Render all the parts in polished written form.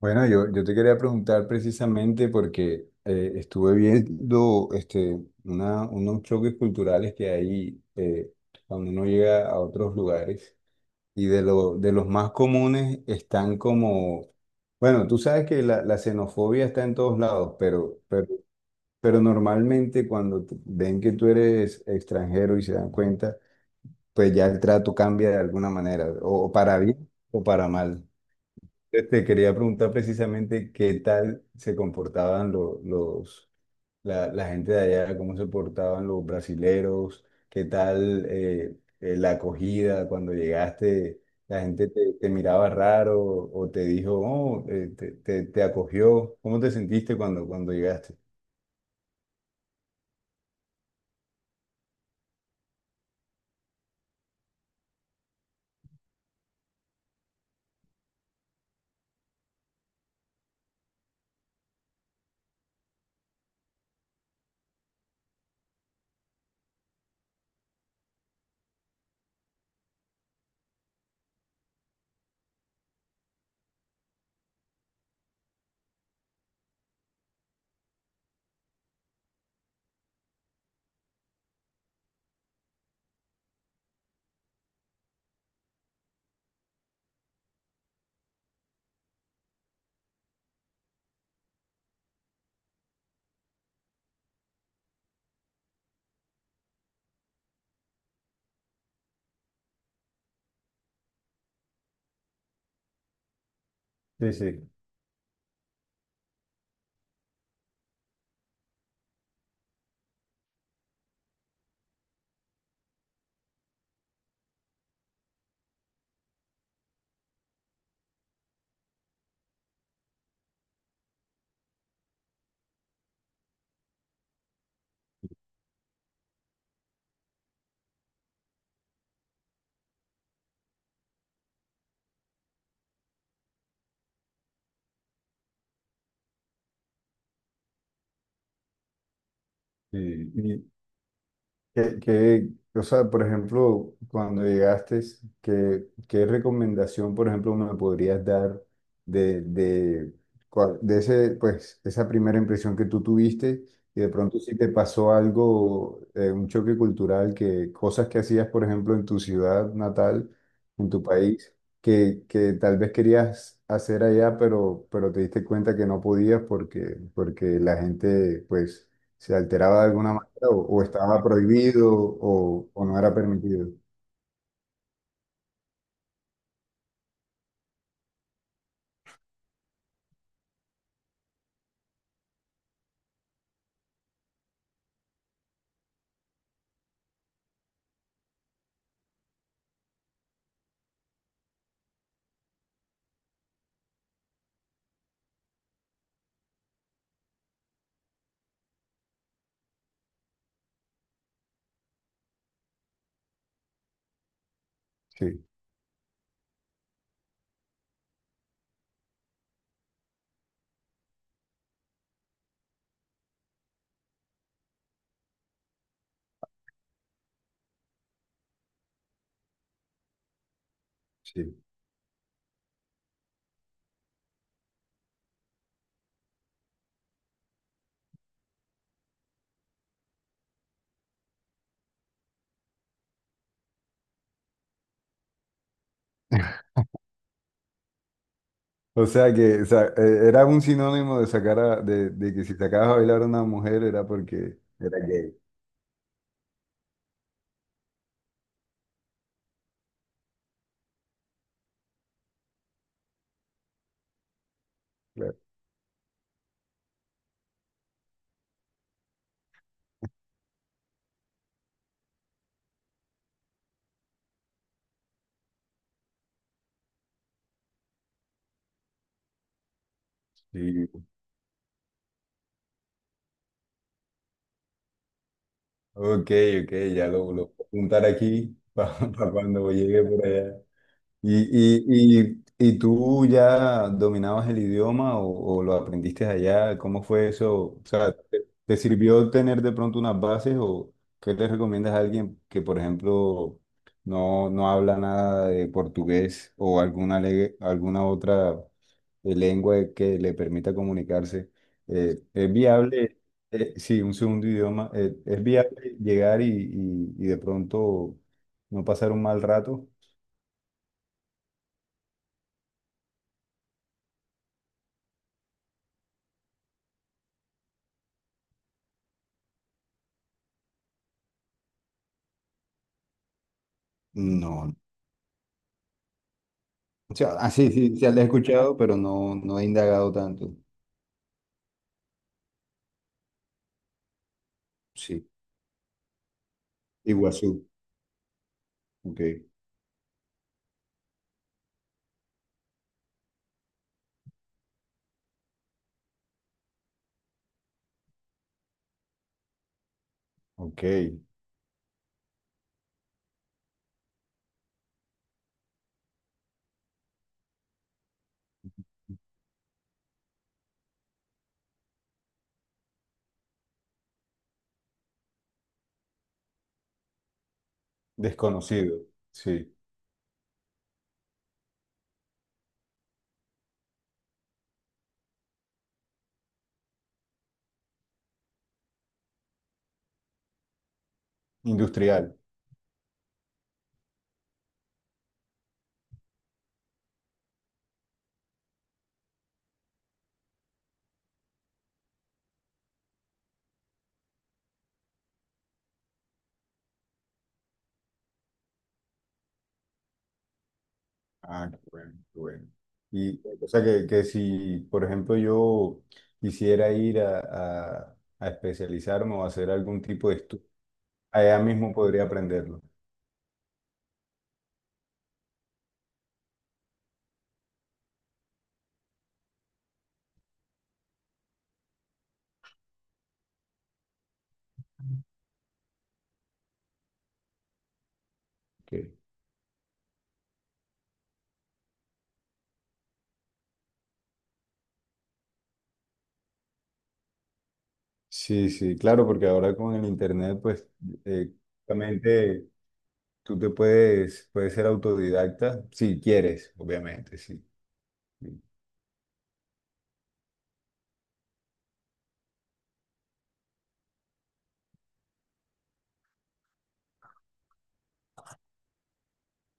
Bueno, yo te quería preguntar precisamente porque estuve viendo unos choques culturales que hay cuando uno llega a otros lugares y de los más comunes están como, bueno, tú sabes que la xenofobia está en todos lados, pero normalmente cuando ven que tú eres extranjero y se dan cuenta, pues ya el trato cambia de alguna manera, o para bien o para mal. Te quería preguntar precisamente qué tal se comportaban la gente de allá, cómo se portaban los brasileros, qué tal la acogida cuando llegaste, la gente te miraba raro o te dijo, te acogió, ¿cómo te sentiste cuando llegaste? Sí, sí. Sí. ¿Qué, qué- por ejemplo, cuando llegaste, ¿qué recomendación, por ejemplo, me podrías dar de, de, de ese, pues, esa primera impresión que tú tuviste y de pronto si te pasó algo, un choque cultural, que cosas que hacías, por ejemplo, en tu ciudad natal, en tu país, que tal vez querías hacer allá, pero te diste cuenta que no podías porque, porque la gente, pues se alteraba de alguna manera o estaba prohibido o no era permitido. Sí, sí. Era un sinónimo de de que si sacabas a bailar a una mujer era porque era gay. Claro. Sí. Ok, ok, lo voy a apuntar aquí para, cuando llegue por allá. ¿Y tú ya dominabas el idioma o lo aprendiste allá? ¿Cómo fue eso? O sea, ¿te sirvió tener de pronto unas bases o qué le recomiendas a alguien que, por ejemplo, no habla nada de portugués alguna otra lengua que le permita comunicarse? Eh, ¿es viable, sí, ¿Un segundo idioma, es viable llegar y de pronto no pasar un mal rato? No. O sea, ah, sí, sí, ya la he escuchado, pero no, no he indagado tanto. Sí. Iguazú. Ok. Ok. Desconocido. Sí. Industrial. Ah, qué bueno, qué bueno. Y o sea que si, por ejemplo, yo quisiera ir a, a especializarme o hacer algún tipo de estudio, allá mismo podría aprenderlo. Ok. Sí, sí, claro, porque ahora con el internet, pues, eh, justamente tú puedes ser autodidacta si quieres, obviamente, sí.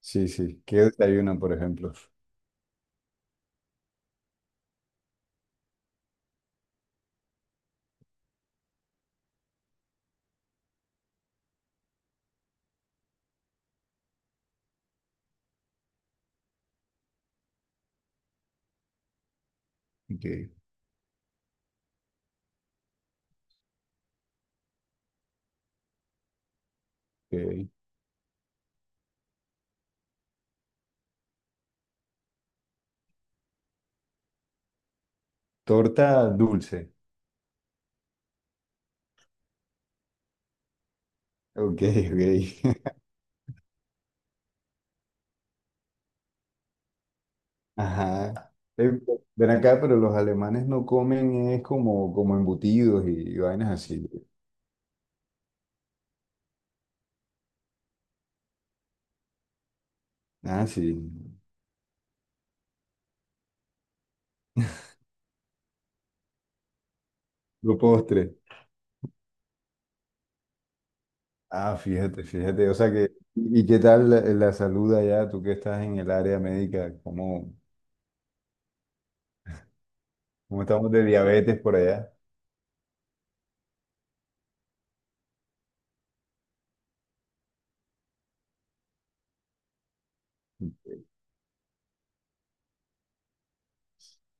Sí, sí. ¿Qué desayuno, por ejemplo? Ok, ok. Torta dulce. Ok, ok. Ajá. Ven acá, pero los alemanes no comen es como, como embutidos y, vainas así. Ah, sí. Los postres. Ah, fíjate, fíjate. O sea que, ¿y qué tal la salud allá? Tú que estás en el área médica, ¿cómo estamos de diabetes por allá?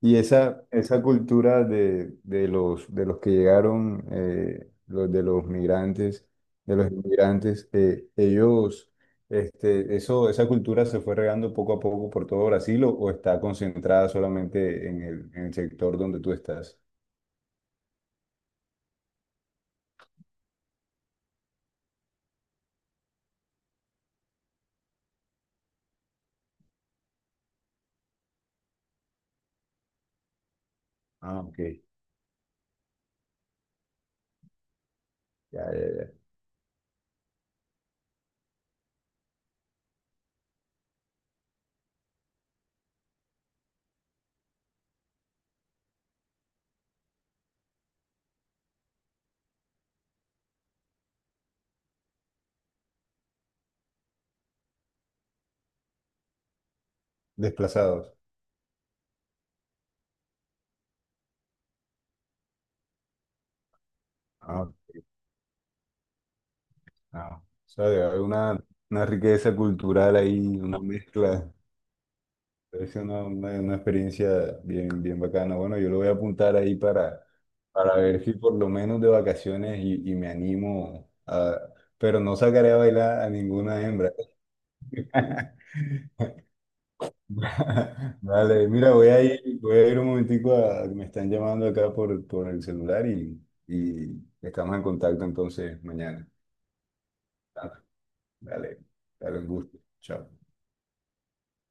Y esa cultura de, de los que llegaron, de los migrantes, de los inmigrantes, esa cultura se fue regando poco a poco por todo Brasil o está concentrada solamente en el sector donde tú estás. Ah, ok. Ya, ya, ya. Desplazados. Ah, ah. O sea, debe haber una riqueza cultural ahí, una mezcla. Es una experiencia bien, bien bacana. Bueno, yo lo voy a apuntar ahí para ver si por lo menos de vacaciones y me animo a... Pero no sacaré a bailar a ninguna hembra. Vale, mira, voy a ir un momentico a... Me están llamando acá por el celular y estamos en contacto entonces mañana. Vale, dale, dale, un gusto. Chao.